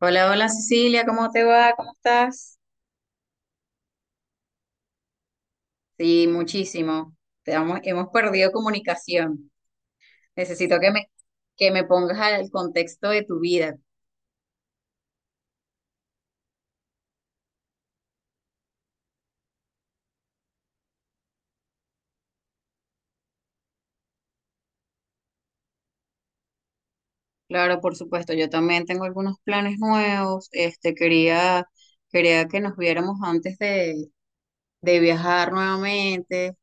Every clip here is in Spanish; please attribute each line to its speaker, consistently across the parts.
Speaker 1: Hola, hola Cecilia, ¿cómo te va? ¿Cómo estás? Sí, muchísimo. Te hemos perdido comunicación. Necesito que me, que me pongas al contexto de tu vida. Claro, por supuesto, yo también tengo algunos planes nuevos. Quería que nos viéramos de viajar nuevamente.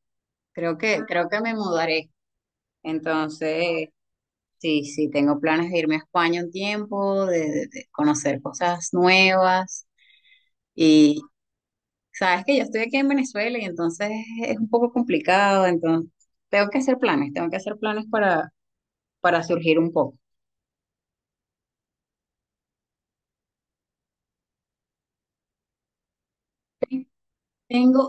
Speaker 1: Creo que me mudaré. Entonces, sí, tengo planes de irme a España un tiempo, de conocer cosas nuevas. Sabes que yo estoy aquí en Venezuela y entonces es un poco complicado, entonces tengo que hacer planes para surgir un poco. Tengo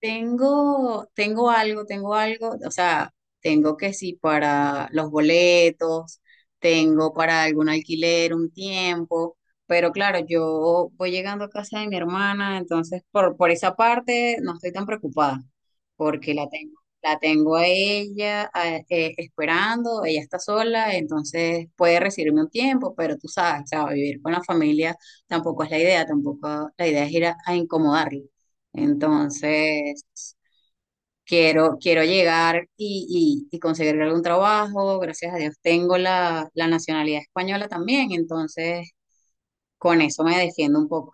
Speaker 1: Tengo algo, o sea, tengo que sí para los boletos, tengo para algún alquiler un tiempo, pero claro, yo voy llegando a casa de mi hermana, entonces por esa parte no estoy tan preocupada, porque la tengo a ella esperando. Ella está sola, entonces puede recibirme un tiempo, pero tú sabes, o sea, vivir con la familia tampoco es la idea, tampoco la idea es ir a incomodarla. Entonces, quiero llegar y conseguir algún trabajo. Gracias a Dios tengo la nacionalidad española también, entonces con eso me defiendo un poco.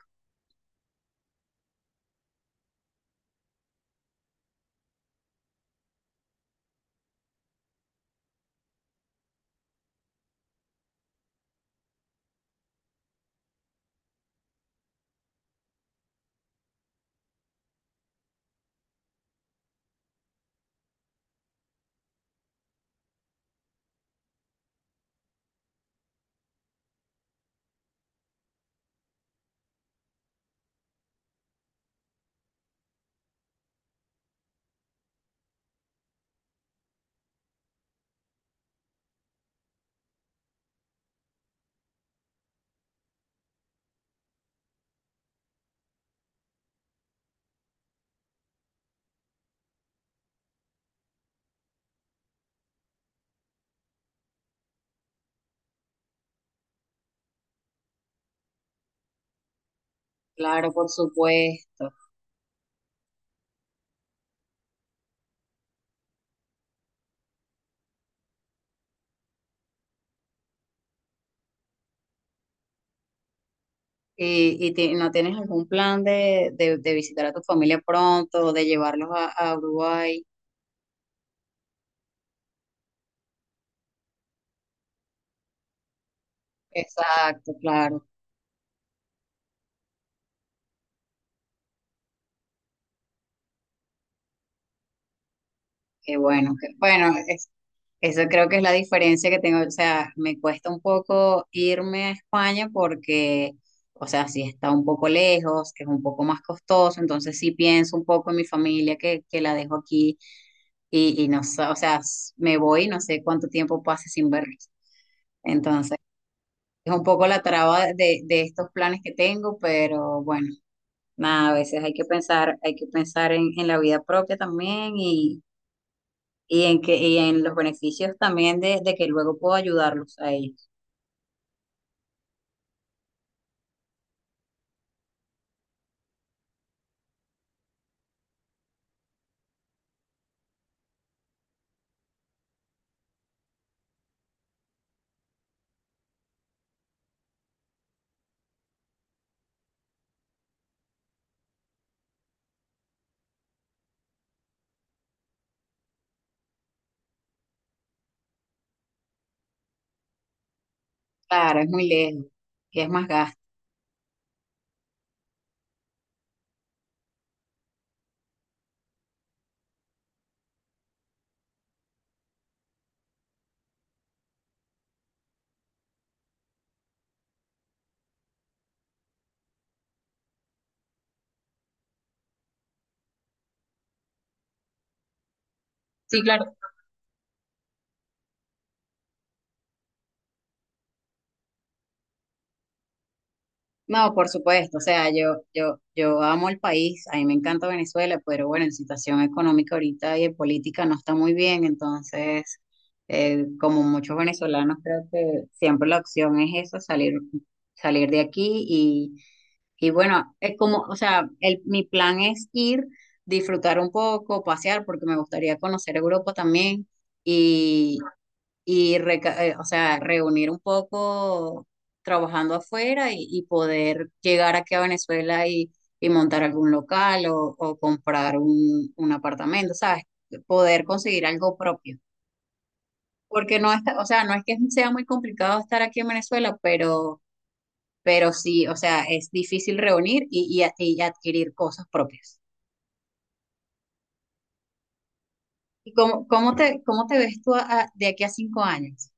Speaker 1: Claro, por supuesto. ¿ No tienes algún plan de visitar a tu familia pronto, de llevarlos a Uruguay? Exacto, claro. Qué bueno, eso creo que es la diferencia que tengo. O sea, me cuesta un poco irme a España porque, o sea, sí está un poco lejos, es un poco más costoso, entonces sí pienso un poco en mi familia, que la dejo aquí y no sé. O sea, me voy y no sé cuánto tiempo pase sin verlos. Entonces, es un poco la traba de estos planes que tengo, pero bueno, nada, a veces hay que pensar en la vida propia también y en los beneficios también de que luego puedo ayudarlos a ellos. Claro, es muy lejos, que es más gasto. Sí, claro. No, por supuesto, o sea, yo amo el país, a mí me encanta Venezuela, pero bueno, la situación económica ahorita y de política no está muy bien. Entonces, como muchos venezolanos, creo que siempre la opción es esa: salir, salir de aquí. Y, y bueno, es como, o sea, el, mi plan es ir, disfrutar un poco, pasear, porque me gustaría conocer Europa también y, o sea, reunir un poco trabajando afuera y poder llegar aquí a Venezuela y montar algún local o comprar un apartamento, ¿sabes? Poder conseguir algo propio. Porque no está, o sea, no es que sea muy complicado estar aquí en Venezuela, pero sí, o sea, es difícil reunir y adquirir cosas propias. ¿Y cómo, cómo te ves tú de aquí a cinco años?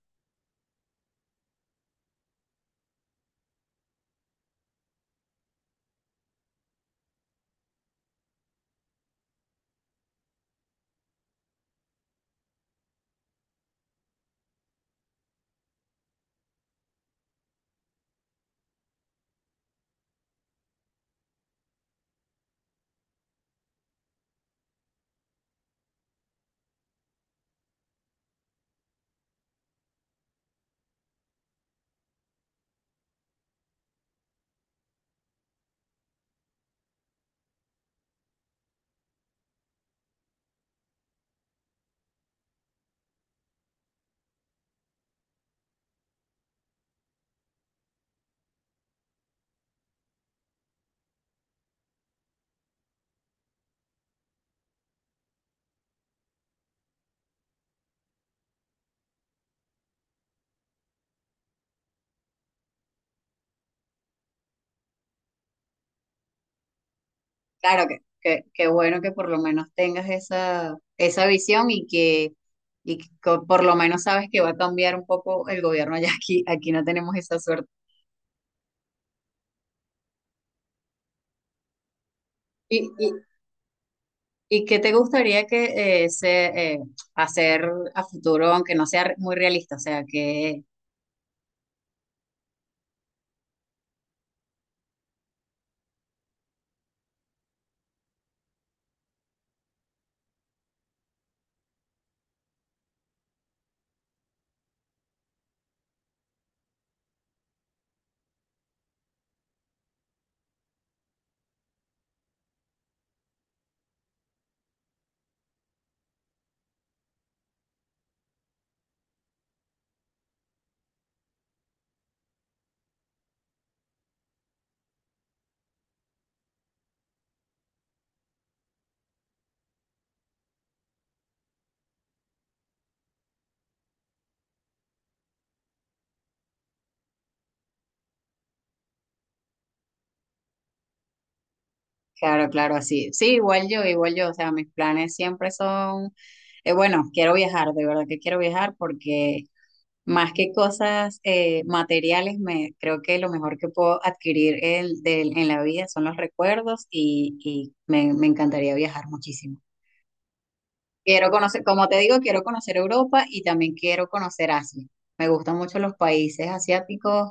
Speaker 1: Claro que bueno que por lo menos tengas esa, esa visión y que por lo menos sabes que va a cambiar un poco el gobierno ya. Aquí, aquí no tenemos esa suerte. ¿Y, y, y qué te gustaría hacer a futuro, aunque no sea muy realista? O sea, que, claro, claro, así. Sí, igual yo, igual yo. O sea, mis planes siempre son, bueno, quiero viajar, de verdad que quiero viajar. Porque más que cosas materiales, me, creo que lo mejor que puedo adquirir en la vida son los recuerdos y me encantaría viajar muchísimo. Quiero conocer, como te digo, quiero conocer Europa y también quiero conocer Asia. Me gustan mucho los países asiáticos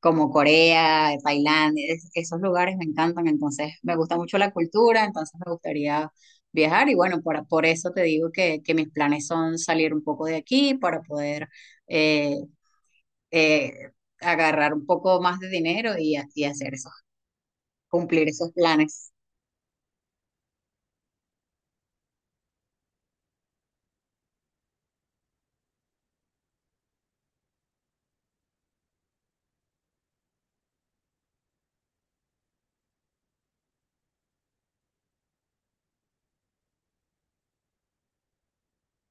Speaker 1: como Corea, Tailandia, esos lugares me encantan, entonces me gusta mucho la cultura, entonces me gustaría viajar. Y bueno, por eso te digo que mis planes son salir un poco de aquí para poder... eh, eh, agarrar un poco más de dinero y, y hacer esos, cumplir esos planes.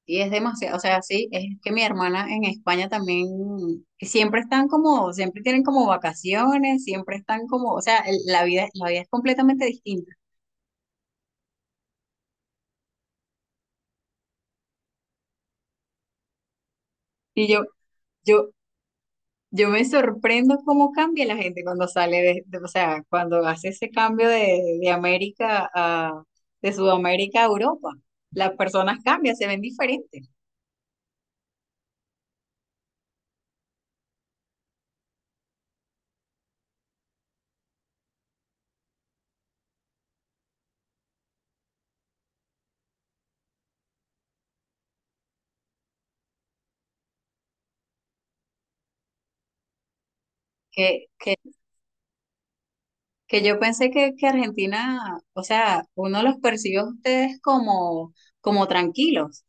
Speaker 1: Y es demasiado, o sea, sí, es que mi hermana en España también siempre están como, siempre tienen como vacaciones, siempre están como, o sea, la vida es completamente distinta. Y yo, yo me sorprendo cómo cambia la gente cuando sale o sea, cuando hace ese cambio de América a, de Sudamérica a Europa. Las personas cambian, se ven diferentes. Que yo pensé que Argentina, o sea, uno los percibe a ustedes como, como tranquilos,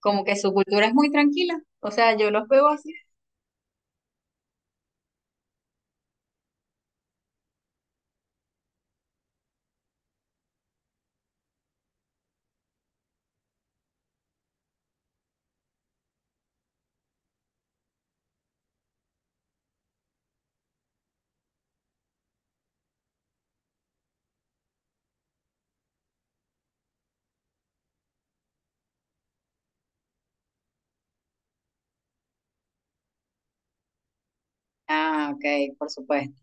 Speaker 1: como que su cultura es muy tranquila. O sea, yo los veo así. Ah, ok, por supuesto.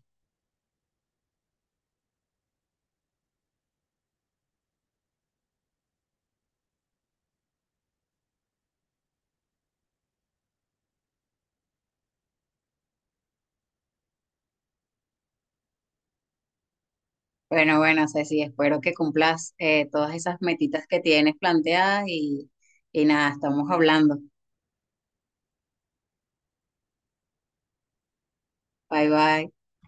Speaker 1: Bueno, bueno, Ceci, espero que cumplas todas esas metitas que tienes planteadas y nada, estamos hablando. Bye, bye.